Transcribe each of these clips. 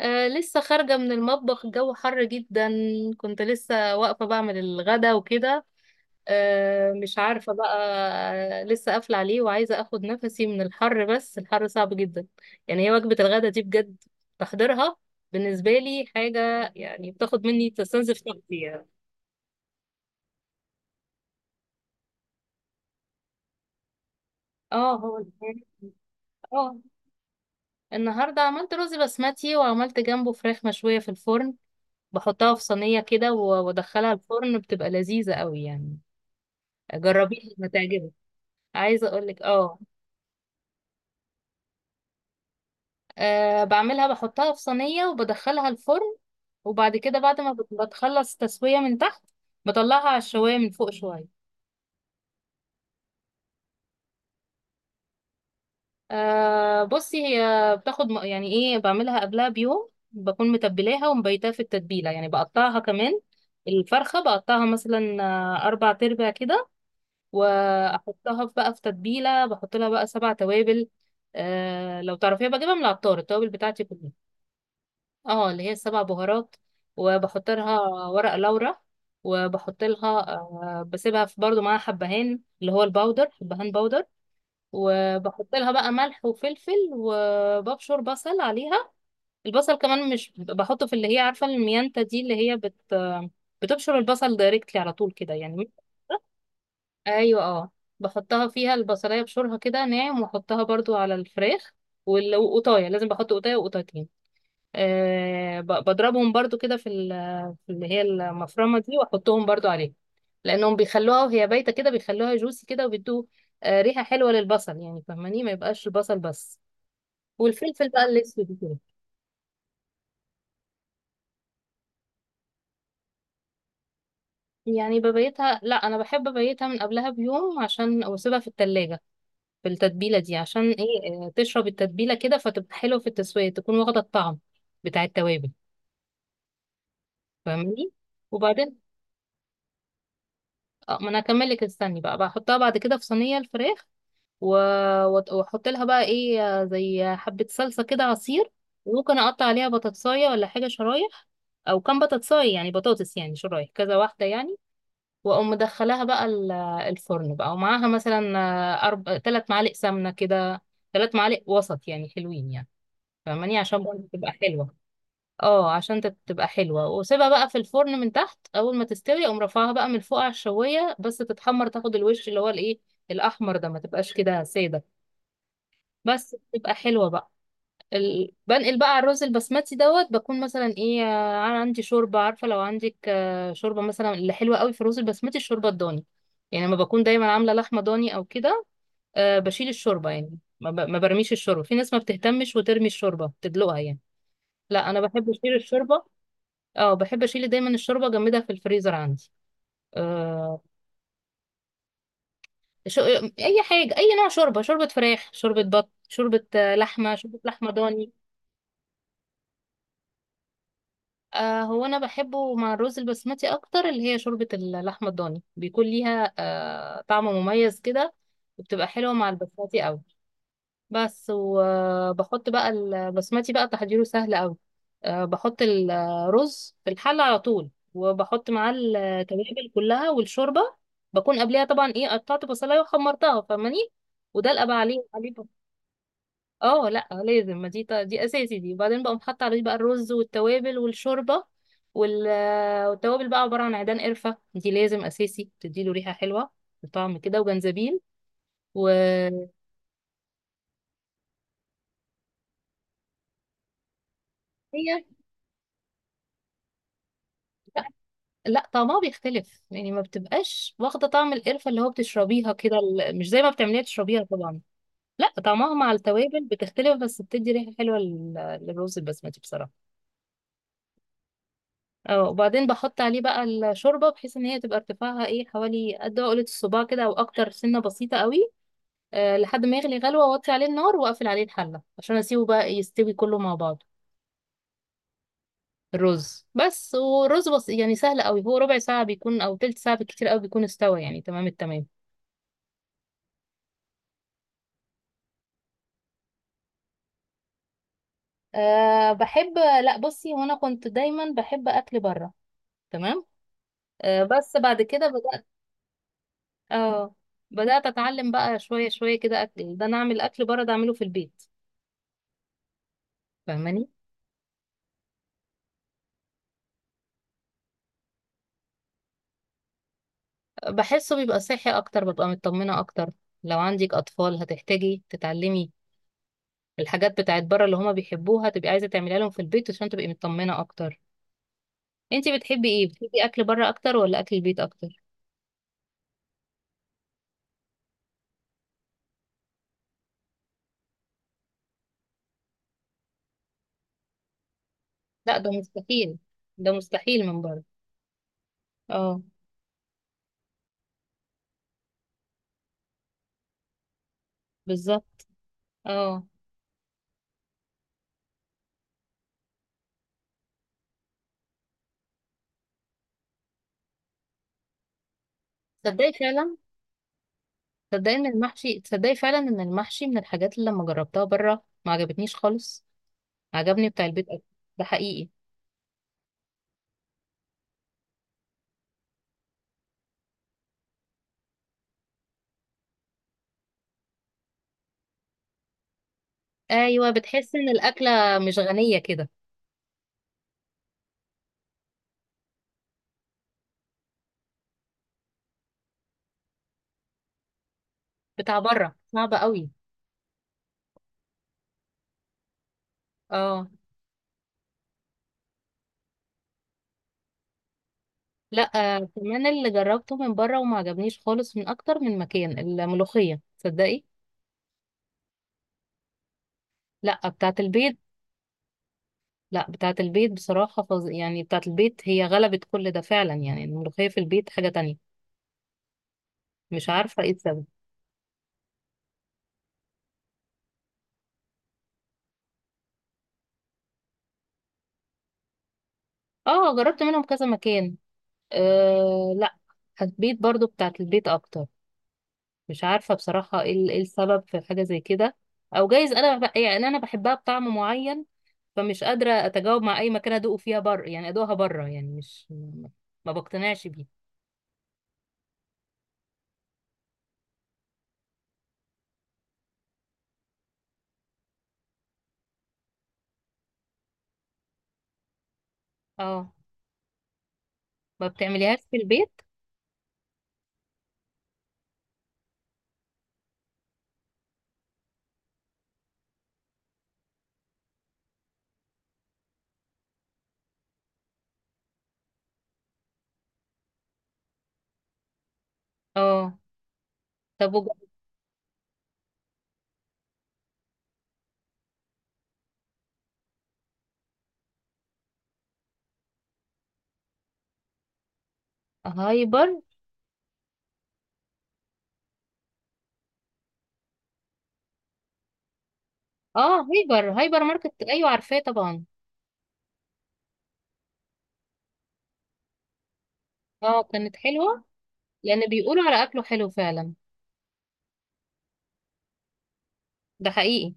لسه خارجة من المطبخ، الجو حر جدا. كنت لسه واقفة بعمل الغدا وكده. مش عارفة بقى. لسه قافلة عليه وعايزة اخد نفسي من الحر، بس الحر صعب جدا. يعني هي وجبة الغدا دي بجد تحضيرها بالنسبة لي حاجة، يعني بتاخد مني تستنزف طاقتي يعني. اه هو الحر. اه النهاردة عملت رز بسمتي وعملت جنبه فراخ مشوية في الفرن. بحطها في صينية كده و- وادخلها الفرن، بتبقى لذيذة قوي يعني. جربيها هتعجبك. عايزه اقولك اه بعملها بحطها في صينيه وبدخلها الفرن، وبعد كده بعد ما بتخلص تسويه من تحت، بطلعها على الشوايه من فوق شويه. بصي، هي بتاخد يعني ايه، بعملها قبلها بيوم بكون متبلاها ومبيتها في التتبيله، يعني بقطعها كمان. الفرخه بقطعها مثلا اربع تربع كده، واحطها بقى في تتبيله، بحط لها بقى 7 توابل. لو تعرفيها بجيبها من العطار، التوابل بتاعتي كلها. اه اللي هي السبع بهارات، وبحط لها ورق لورا، وبحط لها بسيبها في برضو معاها حبهان، اللي هو الباودر، حبهان باودر. وبحط لها بقى ملح وفلفل، وببشر بصل عليها. البصل كمان مش بحطه في اللي هي، عارفة الميانتا دي اللي هي. بتبشر البصل دايركتلي على طول كده يعني. ايوه اه. بحطها فيها البصلاية بشورها كده ناعم، واحطها برضو على الفراخ. والقطاية لازم بحط قطاية وقطايتين، بضربهم برضو كده في في اللي هي المفرمة دي، واحطهم برضو عليه، لانهم بيخلوها وهي بايتة كده بيخلوها جوسي كده، وبيدوا ريحة حلوة للبصل، يعني فاهماني، ما يبقاش البصل بس والفلفل بقى الاسود كده. يعني ببيتها، لا انا بحب ابيتها من قبلها بيوم عشان واسيبها في التلاجة في التتبيلة دي، عشان ايه، تشرب التتبيلة كده فتبقى حلوة في التسوية، تكون واخدة الطعم بتاع التوابل، فاهماني. وبعدين، ما انا هكمل لك، استني بقى، بحطها بعد كده في صينية الفراخ، واحط لها بقى ايه، زي حبة صلصة كده، عصير. وممكن اقطع عليها بطاطساية ولا حاجة، شرايح، او كام بطاطساية، يعني بطاطس، يعني شرايح كذا واحدة يعني. واقوم مدخلاها بقى الفرن بقى، ومعاها مثلا 3 معالق سمنة كده، 3 معالق وسط، يعني حلوين يعني، فاهماني، عشان برضه تبقى حلوة. اه عشان تبقى حلوة، واسيبها بقى في الفرن من تحت، اول ما تستوي اقوم رافعها بقى من فوق على الشواية، بس تتحمر تاخد الوش اللي هو الايه، الاحمر ده، ما تبقاش كده سادة، بس بتبقى حلوة بقى. بنقل بقى على الرز البسمتي، دوت بكون مثلا ايه، عندي شوربة، عارفة لو عندك شوربة مثلا، اللي حلوة قوي في الرز البسمتي الشوربة الضاني، يعني لما بكون دايما عاملة لحمة ضاني او كده، بشيل الشوربة، يعني ما برميش الشوربة، في ناس ما بتهتمش وترمي الشوربة تدلقها يعني. لا انا بحب اشيل الشوربة. اه بحب اشيل دايما الشوربة، اجمدها في الفريزر عندي. أه... شو... اي حاجة، اي نوع شوربة، شوربة فراخ، شوربة بط، شوربة لحمة، شوربة لحمة ضاني. هو انا بحبه مع الرز البسمتي اكتر، اللي هي شوربة اللحمة الضاني بيكون ليها طعم مميز كده، وبتبقى حلوة مع البسمتي قوي. بس وبحط بقى البسمتي، بقى تحضيره سهل قوي. بحط الرز في الحلة على طول، وبحط معاه التوابل كلها والشوربة. بكون قبلها طبعا ايه، قطعت بصلاية وحمرتها فاهماني، ودلقة بقى عليه. اه لا لازم، ما دي اساسي دي، وبعدين بقوم حاطه عليه بقى الرز والتوابل والشوربه. وال... والتوابل بقى عباره عن عيدان قرفه، دي لازم اساسي، بتديله ريحه حلوه وطعم كده، وجنزبيل وهي. لا، لا، طعمها بيختلف، يعني ما بتبقاش واخده طعم القرفه اللي هو بتشربيها كده، مش زي ما بتعمليها تشربيها طبعا. لا، طعمها مع التوابل بتختلف، بس بتدي ريحه حلوه للرز البسمتي بصراحه. اه وبعدين بحط عليه بقى الشوربة بحيث ان هي تبقى ارتفاعها ايه حوالي قد عقلة الصباع كده او اكتر، سنة بسيطة قوي. لحد ما يغلي غلوة، واوطي عليه النار، واقفل عليه الحلة عشان اسيبه بقى يستوي كله مع بعضه. الرز بس، والرز بس يعني سهل قوي، هو ربع ساعة بيكون او تلت ساعة بالكتير قوي بيكون استوى يعني تمام التمام. بحب لا بصي، هو انا كنت دايما بحب اكل بره، تمام. بس بعد كده بدأت، اه بدأت اتعلم بقى شوية شوية كده، اكل ده انا اعمل اكل بره ده اعمله في البيت، فاهماني. بحسه بيبقى صحي اكتر، ببقى مطمنة اكتر. لو عندك اطفال هتحتاجي تتعلمي الحاجات بتاعت بره اللي هما بيحبوها، تبقي عايزة تعمليها لهم في البيت عشان تبقي مطمنة اكتر. انتي بتحبي ايه؟ بتحبي اكل بره اكتر ولا اكل البيت اكتر؟ لا ده مستحيل، ده مستحيل من بره. اه، بالظبط. اه تصدقي فعلا، تصدقي ان المحشي، تصدقي فعلا ان المحشي من الحاجات اللي لما جربتها بره ما عجبتنيش خالص. عجبني بتاع البيت اكتر. ده حقيقي. ايوه، بتحس ان الاكله مش غنيه كده. بتاع بره صعبه قوي. اه لا كمان اللي جربته من بره وما عجبنيش خالص من اكتر من مكان، الملوخية، تصدقي. لا، بتاعة البيت. لا، بتاعة البيت بصراحة يعني بتاعة البيت هي غلبت كل ده فعلا، يعني الملوخية في البيت حاجة تانية. مش عارفة ايه السبب. اه جربت منهم كذا مكان. لا، البيت برضو، بتاعة البيت اكتر. مش عارفة بصراحة ايه إيه السبب في حاجة زي كده. او جايز انا يعني انا بحبها بطعم معين، فمش قادرة اتجاوب مع اي مكان ادوقه فيها بره، يعني ادوقها بره، يعني مش ما بقتنعش بيه. اه ما بتعمليهاش في البيت. اه طب هايبر. اه هايبر، هايبر ماركت، ايوه عارفاه طبعا. اه كانت حلوة، لان بيقولوا على اكله حلو فعلا. ده حقيقي.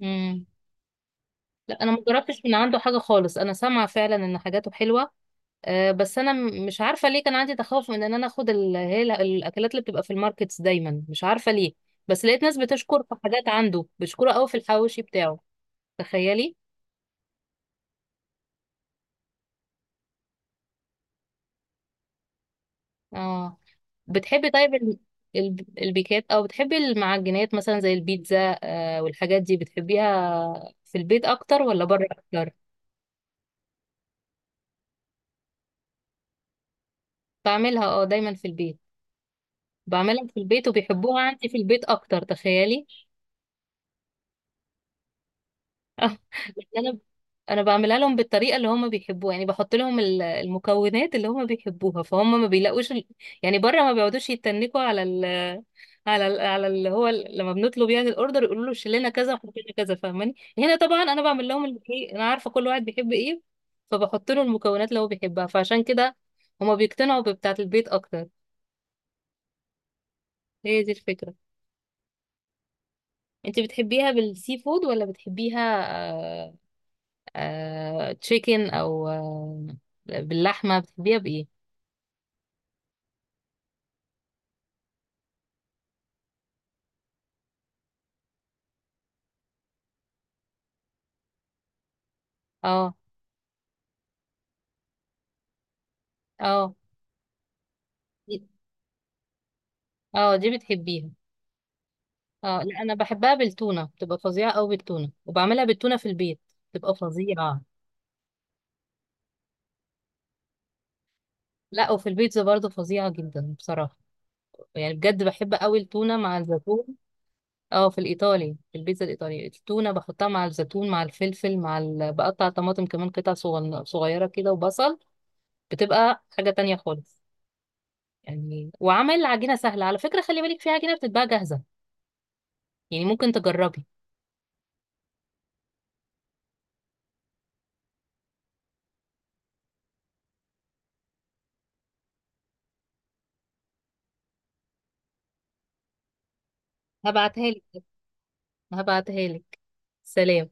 امم. لا، انا ما جربتش من عنده حاجة خالص، انا سامعة فعلا ان حاجاته حلوة. بس انا مش عارفه ليه كان عندي تخوف من ان انا اخد الاكلات اللي بتبقى في الماركتس دايما، مش عارفه ليه. بس لقيت ناس بتشكر في حاجات عنده، بيشكروا قوي في الحواوشي بتاعه، تخيلي. اه بتحبي طيب البيكات، او بتحبي المعجنات مثلا زي البيتزا؟ والحاجات دي بتحبيها في البيت اكتر ولا بره اكتر؟ بعملها دايما في البيت، بعملها في البيت وبيحبوها عندي في البيت اكتر، تخيلي. اه بس انا بعملها لهم بالطريقه اللي هم بيحبوها، يعني بحط لهم المكونات اللي هم بيحبوها، فهم ما بيلاقوش يعني بره ما بيقعدوش يتنكوا على على على اللي هو لما بنطلب يعني الاوردر يقولوا له شيل لنا كذا وحط لنا كذا، فاهماني. هنا طبعا انا بعمل لهم اللي ايه، انا عارفه كل واحد بيحب ايه، فبحط له المكونات اللي هو بيحبها، فعشان كده هما بيقتنعوا ببتاعه البيت اكتر. هي دي الفكره. انت بتحبيها بالسي فود ولا بتحبيها تشيكن، او باللحمه؟ بتحبيها بايه؟ اه. اه دي- اه دي بتحبيها. اه لا، انا بحبها بالتونه، بتبقى فظيعه قوي بالتونه، وبعملها بالتونه في البيت، بتبقى فظيعه. لا، وفي البيتزا برضه فظيعه جدا بصراحه، يعني بجد بحب قوي التونه مع الزيتون. اه في الايطالي، في البيتزا الايطالي، التونه بحطها مع الزيتون مع الفلفل مع بقطع طماطم كمان، قطع صغيره كده، وبصل. بتبقى حاجه تانية خالص. يعني وعمل عجينة سهلة، على فكرة خلي بالك، في عجينة بتتباع جاهزة، يعني ممكن تجربي. هبعتها لك، هبعتها لك، سلام.